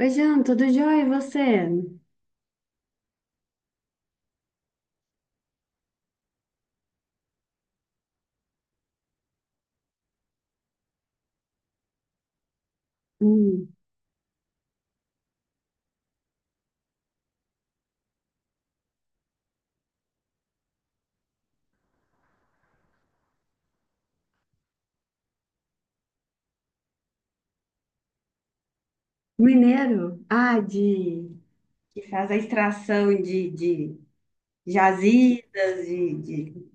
Oi, Jean, tudo jóia? E você? Hum, mineiro? Ah, de... Que faz a extração de jazidas, de...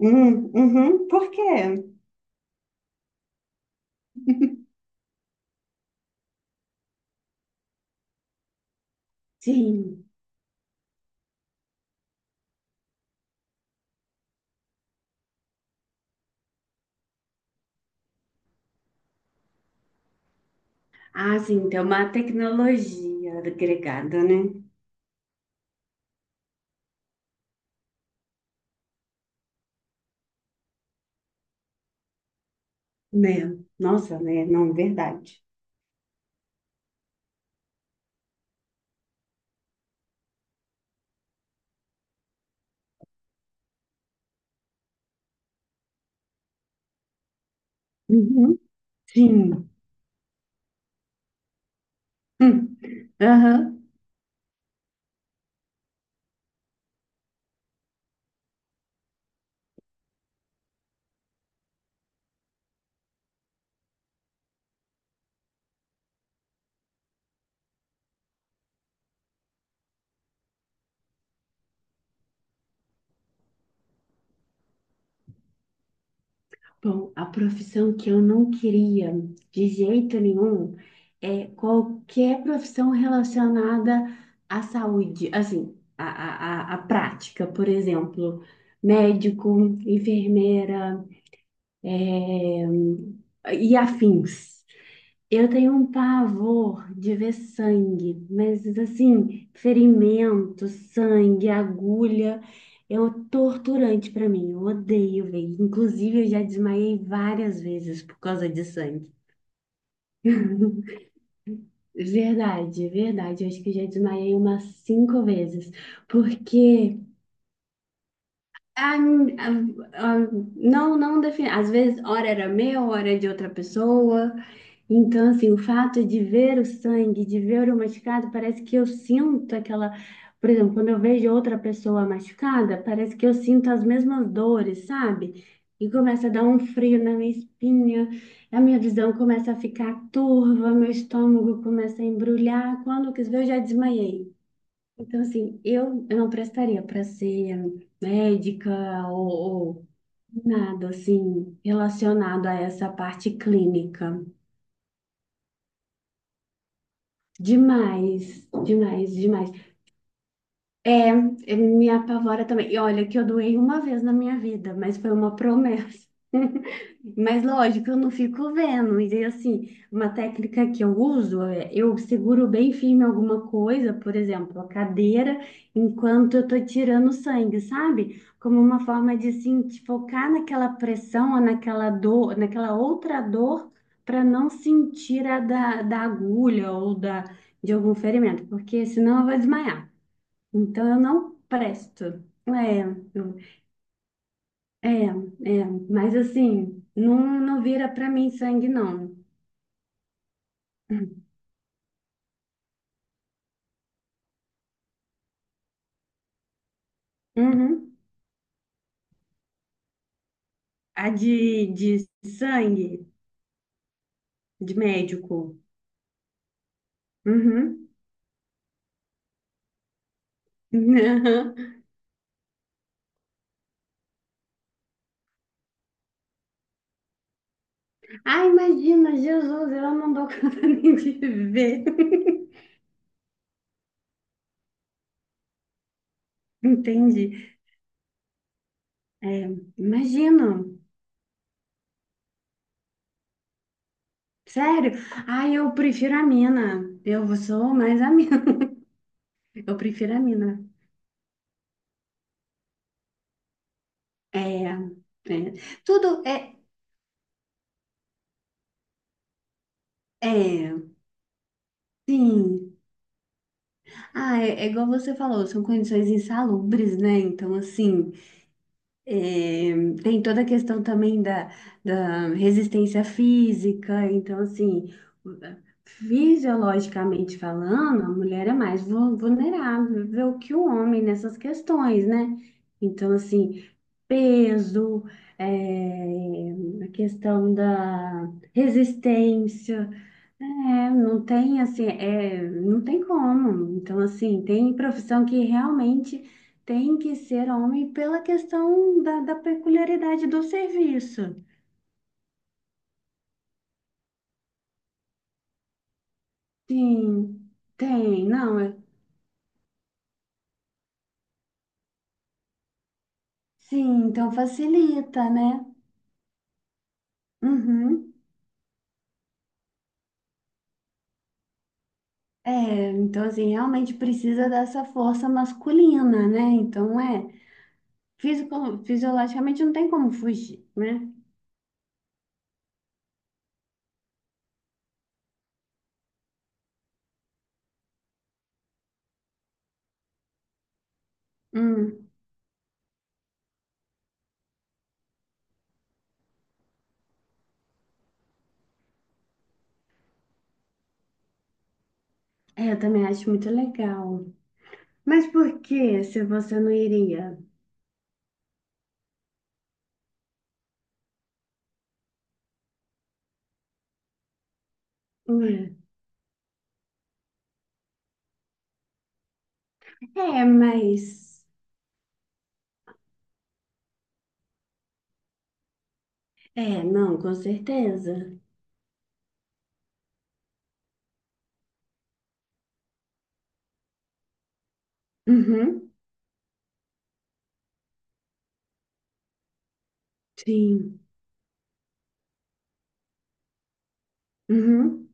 Uhum, por quê? Sim. Ah, sim, tem uma tecnologia agregada, né? Né? Nossa, né? Não, verdade. Uhum, sim. Hum. Aham. Bom, a profissão que eu não queria de jeito nenhum é qualquer profissão relacionada à saúde, assim, à, à, à prática, por exemplo, médico, enfermeira, eh, e afins. Eu tenho um pavor de ver sangue, mas assim, ferimento, sangue, agulha, é um torturante pra mim. Eu odeio ver. Inclusive, eu já desmaiei várias vezes por causa de sangue. Verdade, verdade. Eu acho que eu já desmaiei umas 5 vezes, porque ah, ah, ah, não, não define. Às vezes, hora era meu, hora era de outra pessoa. Então, assim, o fato de ver o sangue, de ver o machucado, parece que eu sinto aquela. Por exemplo, quando eu vejo outra pessoa machucada, parece que eu sinto as mesmas dores, sabe? E começa a dar um frio na minha espinha, a minha visão começa a ficar turva, meu estômago começa a embrulhar. Quando eu quis ver, eu já desmaiei. Então, assim, eu não prestaria para ser médica ou, ou nada, assim, relacionado a essa parte clínica. Demais, demais, demais. É, é, me apavora também. E olha que eu doei uma vez na minha vida, mas foi uma promessa. Mas lógico, eu não fico vendo. E assim, uma técnica que eu uso é eu seguro bem firme alguma coisa, por exemplo, a cadeira, enquanto eu tô tirando sangue, sabe? Como uma forma de assim, de focar naquela pressão ou naquela dor, naquela outra dor, para não sentir a da, da agulha ou da, de algum ferimento, porque senão eu vou desmaiar. Então eu não presto. É, eu é, é, mas assim, não, não vira pra mim sangue, não. Uhum. A de sangue, de médico. Uhum. Uhum. Ah, imagina, Jesus, eu não dou conta nem de ver. Entendi. É, imagina, sério. Ah, eu prefiro a mina. Eu sou mais a mina. Eu prefiro a mina. É, é. Tudo é, é. Sim. Ah, é, é igual você falou, são condições insalubres, né? Então, assim, é, tem toda a questão também da, da resistência física. Então, assim, fisiologicamente falando, a mulher é mais vulnerável que o homem nessas questões, né? Então, assim, peso, eh, a questão da resistência. É, não tem assim, é, não tem como. Então, assim, tem profissão que realmente tem que ser homem pela questão da, da peculiaridade do serviço. Sim, tem, não, é- sim, então facilita, né? Uhum. É, então assim, realmente precisa dessa força masculina, né? Então é, fisiologicamente não tem como fugir, né? Hum, é, eu também acho muito legal. Mas por que se você não iria? Hum. É, mas. É, não, com certeza. Uhum, sim. Uhum,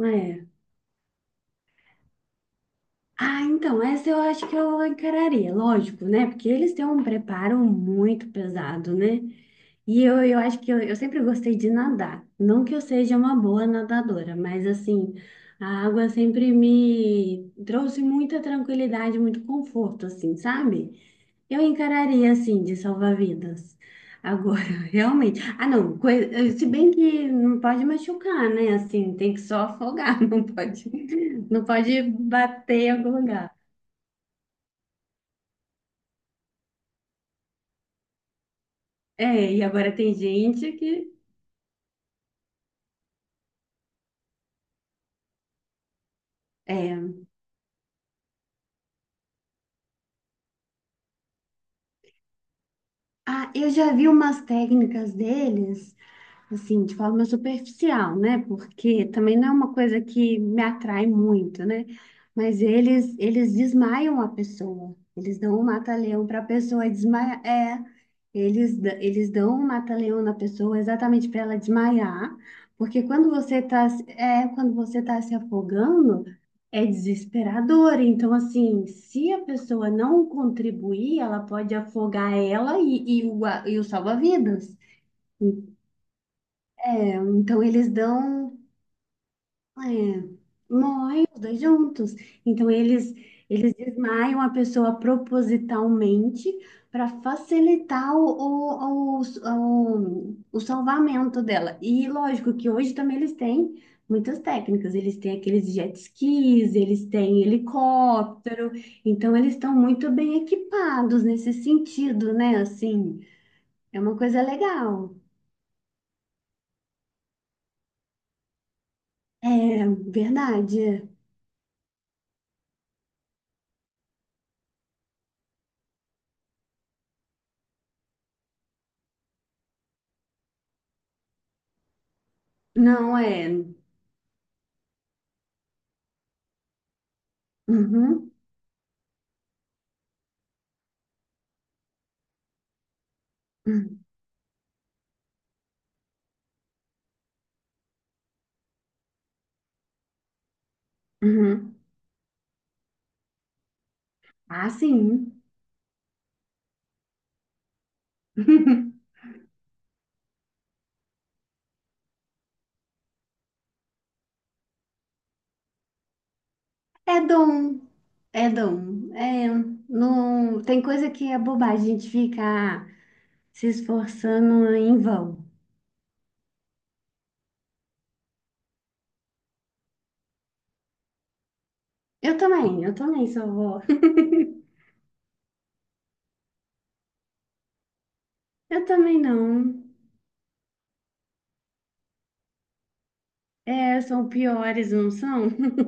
é. Ah, então, essa eu acho que eu encararia, lógico, né? Porque eles têm um preparo muito pesado, né? E eu acho que eu sempre gostei de nadar. Não que eu seja uma boa nadadora, mas assim, a água sempre me trouxe muita tranquilidade, muito conforto, assim, sabe? Eu encararia assim, de salvar vidas. Agora, realmente. Ah, não, se bem que não pode machucar, né? Assim, tem que só afogar, não pode, não pode bater em algum lugar. É, e agora tem gente que. É. Ah, eu já vi umas técnicas deles, assim, de forma superficial, né? Porque também não é uma coisa que me atrai muito, né? Mas eles desmaiam a pessoa. Eles dão um mata-leão para a pessoa desmaiar. É, eles dão um mata-leão na pessoa exatamente para ela desmaiar, porque quando você tá, é, quando você tá se afogando, é desesperador. Então, assim, se a pessoa não contribuir, ela pode afogar ela e o, e o salva-vidas. É, então eles dão, é, morrem os dois juntos. Então eles desmaiam a pessoa propositalmente para facilitar o, o, o salvamento dela. E lógico que hoje também eles têm muitas técnicas. Eles têm aqueles jet skis, eles têm helicóptero. Então eles estão muito bem equipados nesse sentido, né? Assim, é uma coisa legal. É verdade. Não é. Uhum, uhum, uhum. Ah, sim. É dom, é dom. É, não, tem coisa que é bobagem, a gente fica se esforçando em vão. Eu também sou vó. Eu também não. É, são piores, não são?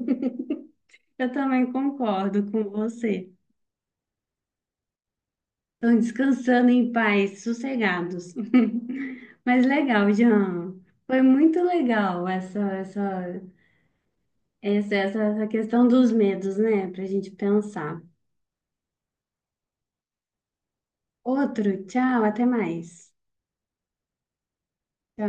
Eu também concordo com você. Estão descansando em paz, sossegados. Mas legal, Jean. Foi muito legal essa, essa. Essa, essa, essa questão dos medos, né? Pra gente pensar. Outro, tchau, até mais. Tchau.